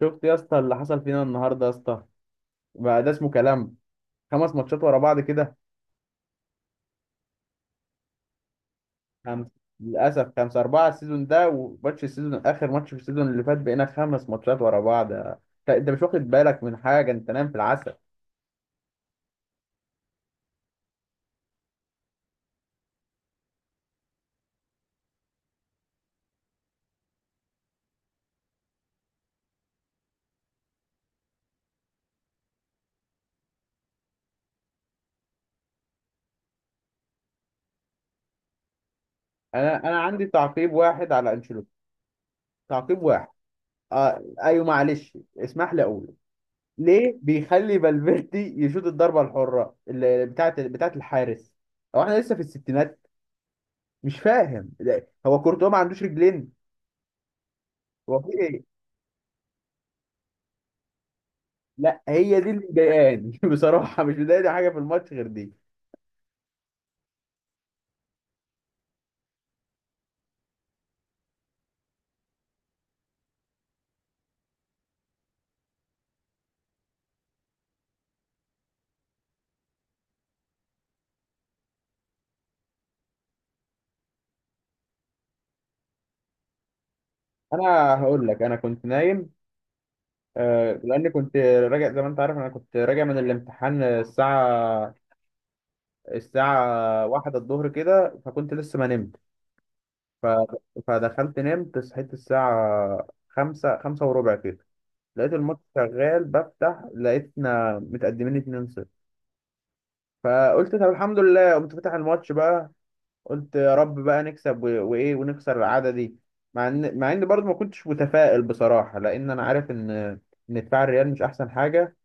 شفت يا اسطى اللي حصل فينا النهارده يا اسطى؟ بقى ده اسمه كلام؟ خمس ماتشات ورا بعض كده. خمس، للاسف خمسة. أربعة السيزون ده وماتش السيزون، آخر ماتش في السيزون اللي فات، بقينا خمس ماتشات ورا بعض. أنت مش واخد بالك من حاجة، أنت نايم في العسل. أنا عندي تعقيب واحد على أنشيلوتي، تعقيب واحد. أيوه معلش اسمح لي أقول، ليه بيخلي فالفيردي يشوط الضربة الحرة اللي بتاعت الحارس؟ هو احنا لسه في الستينات؟ مش فاهم. هو كورتوا ما عندوش رجلين؟ هو في ايه؟ لا هي دي اللي مضايقاني بصراحه مش مضايقني حاجه في الماتش غير دي. انا هقول لك، انا كنت نايم. آه، لاني كنت راجع زي ما انت عارف، انا كنت راجع من الامتحان الساعه واحدة الظهر كده، فكنت لسه ما نمت. ف... فدخلت نمت، صحيت الساعه خمسة، خمسة وربع كده، لقيت الماتش شغال بفتح لقيتنا متقدمين 2-0. فقلت طب الحمد لله، قمت فاتح الماتش بقى. قلت يا رب بقى نكسب وايه، ونكسر العاده دي. مع ان برضه ما كنتش متفائل بصراحه، لان انا عارف ان دفاع الريال مش احسن حاجه،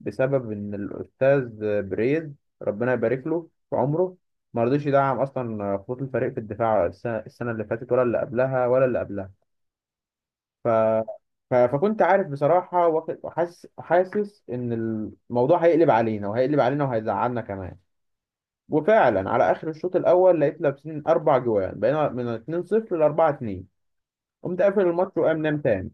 بسبب ان الاستاذ بريز، ربنا يبارك له في عمره، ما رضيش يدعم اصلا خطوط الفريق في الدفاع. السنة اللي فاتت ولا اللي قبلها ولا اللي قبلها. ف... فكنت عارف بصراحه. وحاسس، ان الموضوع هيقلب علينا، وهيقلب علينا وهيزعلنا كمان. وفعلا على اخر الشوط الاول لقيت لابسين اربع جوان، بقينا من 2-0 ل 4-2. قمت قافل الماتش وقام نام تاني.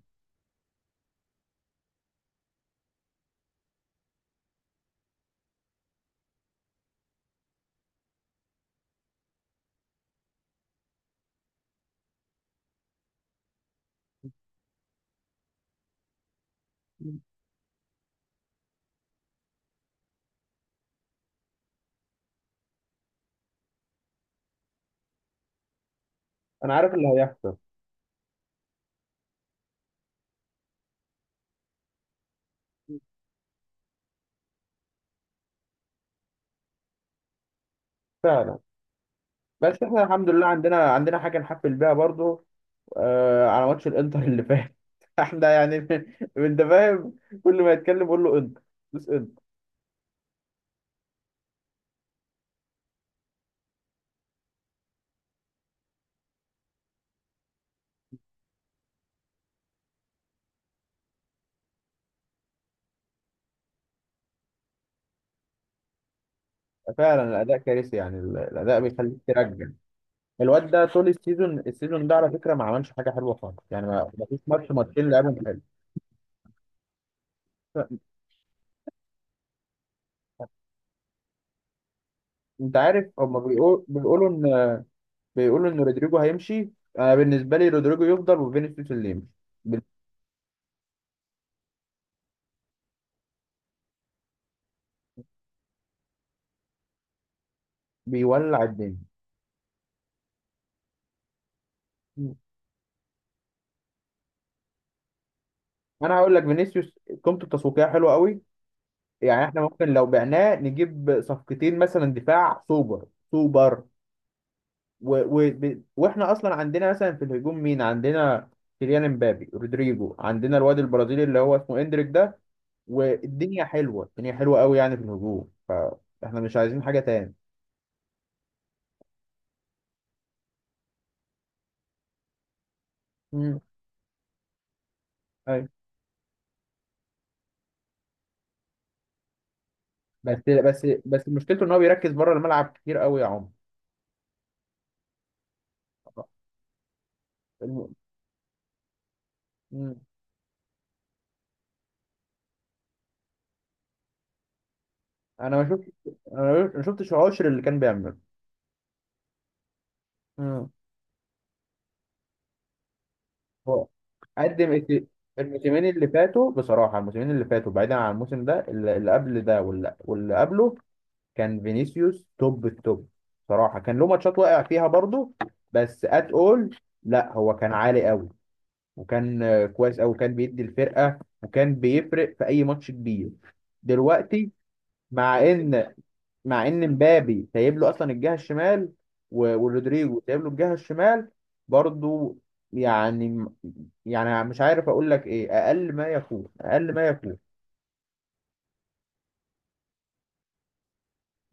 انا عارف اللي هيحصل فعلا. بس احنا الحمد لله عندنا حاجه نحفل بيها برضو، آه، على ماتش الانتر اللي فات احنا يعني انت فاهم، كل ما يتكلم يقول له انتر، بس انتر. فعلا الاداء كارثي، يعني الاداء بيخليك ترجع. الواد ده طول السيزون، السيزون ده، على فكره، ما عملش حاجه حلوه خالص. يعني ما فيش ماتش ماتشين لعبهم حلو. انت عارف، هم بيقولوا، بيقولوا ان رودريجو هيمشي. انا بالنسبه لي رودريجو يفضل وفينيسيوس اللي يمشي. بي- بيولع الدنيا. مم. انا هقول لك، فينيسيوس قيمته التسويقيه حلوه قوي. يعني احنا ممكن لو بعناه نجيب صفقتين، مثلا دفاع سوبر سوبر. واحنا اصلا عندنا مثلا في الهجوم، مين عندنا؟ كيليان امبابي، رودريجو، عندنا الواد البرازيلي اللي هو اسمه اندريك ده. والدنيا حلوه، الدنيا حلوه قوي يعني في الهجوم، فاحنا مش عايزين حاجه تاني. مم. بس مشكلته ان هو بيركز بره الملعب كتير قوي يا عمر. الم- مم. انا ما شفت، انا ما شفتش عشر اللي كان بيعمله. مم. هو قدم. الموسمين اللي فاتوا بصراحه، الموسمين اللي فاتوا بعيدا عن الموسم ده، اللي اللي قبل ده واللي قبله، كان فينيسيوس توب التوب بصراحه. كان له ماتشات واقع فيها برضه. بس ات اول لا، هو كان عالي قوي، وكان كويس قوي، وكان بيدي الفرقه وكان بيفرق في اي ماتش كبير. دلوقتي، مع ان مع ان مبابي سايب له اصلا الجهه الشمال، ورودريجو سايب له الجهه الشمال برضو، يعني، يعني مش عارف اقول لك ايه. اقل ما يكون، اقل ما يكون.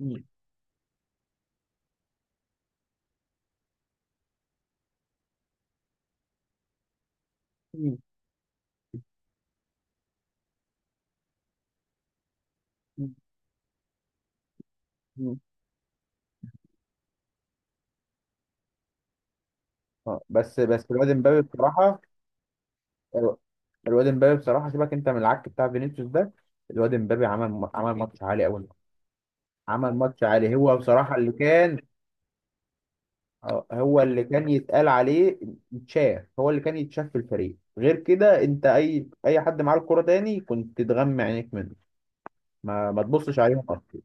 مم. مم. مم. مم. آه، بس الواد مبابي بصراحه، الواد مبابي بصراحه، سيبك انت من العك بتاع فينيسيوس ده. الواد مبابي عمل ماتش عالي قوي. عمل ماتش عالي، هو بصراحه اللي كان، آه، هو اللي كان يتقال عليه يتشاف. هو اللي كان يتشاف في الفريق، غير كده انت اي حد معاه الكرة تاني كنت تغمى عينيك منه. ما تبصش عليهم اصلا.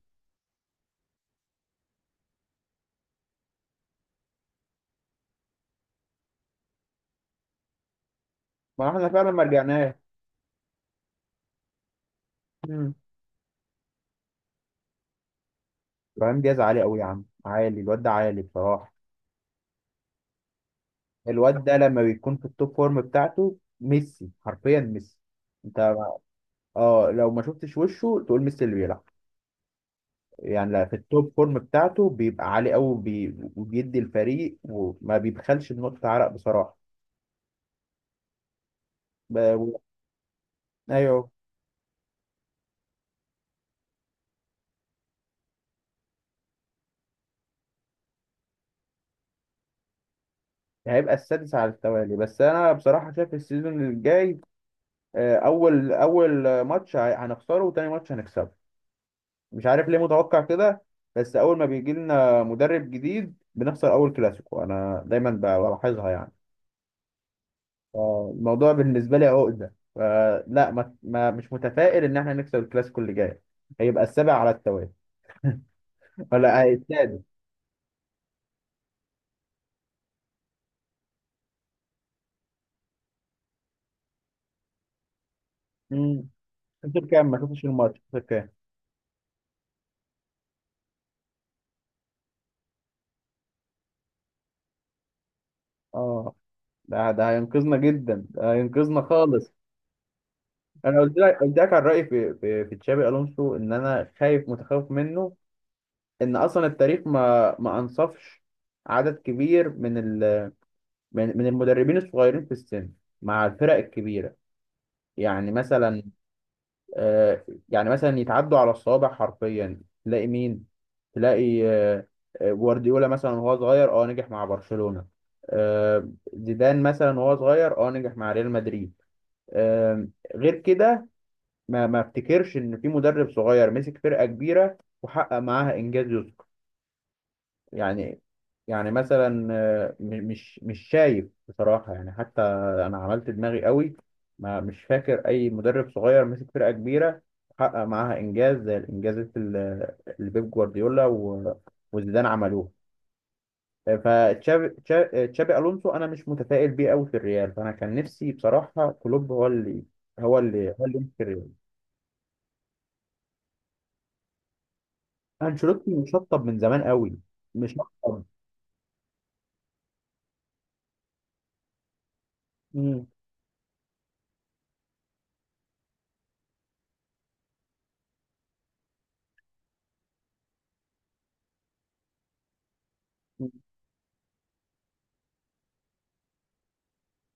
ما احنا فعلا ما رجعناش. مم. ابراهيم دياز عالي قوي يا عم، عالي، الواد ده عالي بصراحة. الواد ده لما بيكون في التوب فورم بتاعته، ميسي حرفيا، ميسي. انت، اه، لو ما شفتش وشه تقول ميسي اللي بيلعب. يعني لا، في التوب فورم بتاعته بيبقى عالي قوي، وبيدي الفريق، وما بيبخلش بنقطة عرق بصراحة. ايوه، هيبقى السادس على التوالي. بس انا بصراحه شايف السيزون الجاي، آه، اول ماتش هنخسره، وتاني ماتش هنكسبه. مش عارف ليه متوقع كده، بس اول ما بيجي لنا مدرب جديد بنخسر اول كلاسيكو، انا دايما بلاحظها يعني. فالموضوع بالنسبه لي عقده، فلا ما مش متفائل ان احنا نكسب الكلاسيكو اللي جاي. هيبقى السابع على التوالي، ولا آه، السادس. امم، خسر كام؟ ما شفتش الماتش، خسر كام؟ اه، ده هينقذنا جدا، ده هينقذنا خالص. انا قلت لك، قلت لك عن رايي في في تشابي الونسو، ان انا خايف، متخوف منه. ان اصلا التاريخ ما انصفش عدد كبير من ال، من المدربين الصغيرين في السن مع الفرق الكبيره. يعني مثلا، آه، يعني مثلا يتعدوا على الصوابع حرفيا. تلاقي مين؟ تلاقي آه، آه، جوارديولا مثلا وهو صغير، اه، نجح مع برشلونه. آه، زيدان مثلا وهو صغير، اه، نجح مع ريال مدريد. آه، غير كده ما افتكرش ان في مدرب صغير مسك فرقه كبيره وحقق معاها انجاز يذكر. يعني، يعني مثلا، آه، مش شايف بصراحه يعني. حتى انا عملت دماغي قوي، ما مش فاكر اي مدرب صغير مسك فرقه كبيره وحقق معاها انجاز زي الانجازات اللي بيب جوارديولا وزيدان عملوها. تشابي الونسو انا مش متفائل بيه قوي في الريال، فانا كان نفسي بصراحه كلوب هو اللي هو اللي يمسك الريال. انشيلوتي مشطب من زمان قوي، مشطب. امم.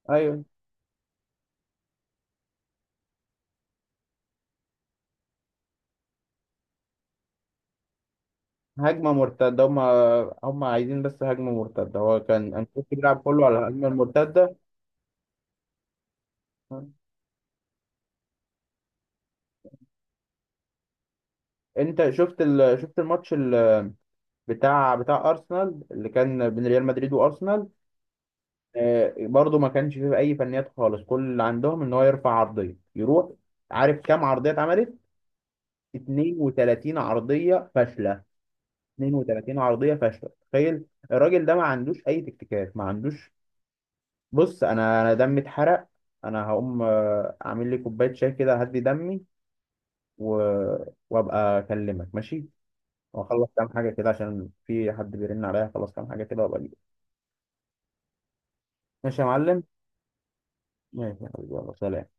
ايوه، هجمه مرتده. هم عايزين بس هجمه مرتده، هو كان انشيلوتي بيلعب كله على الهجمه المرتده. انت شفت شفت الماتش بتاع ارسنال، اللي كان بين ريال مدريد وارسنال؟ آه برضو ما كانش فيه اي فنيات خالص، كل اللي عندهم ان هو يرفع عرضيه يروح. عارف كام عرضيه اتعملت؟ 32 عرضيه فاشله. 32 عرضيه فاشله، تخيل. الراجل ده ما عندوش اي تكتيكات، ما عندوش. بص، انا دمي اتحرق. انا هقوم آه، اعمل لي كوبايه شاي كده، اهدي دمي، و... وابقى اكلمك، ماشي؟ واخلص كام حاجه كده عشان في حد بيرن عليا، اخلص كام حاجه كده وابقى اجيلك. ماشي يا معلم. ماشي يا حبيبي، يلا سلام.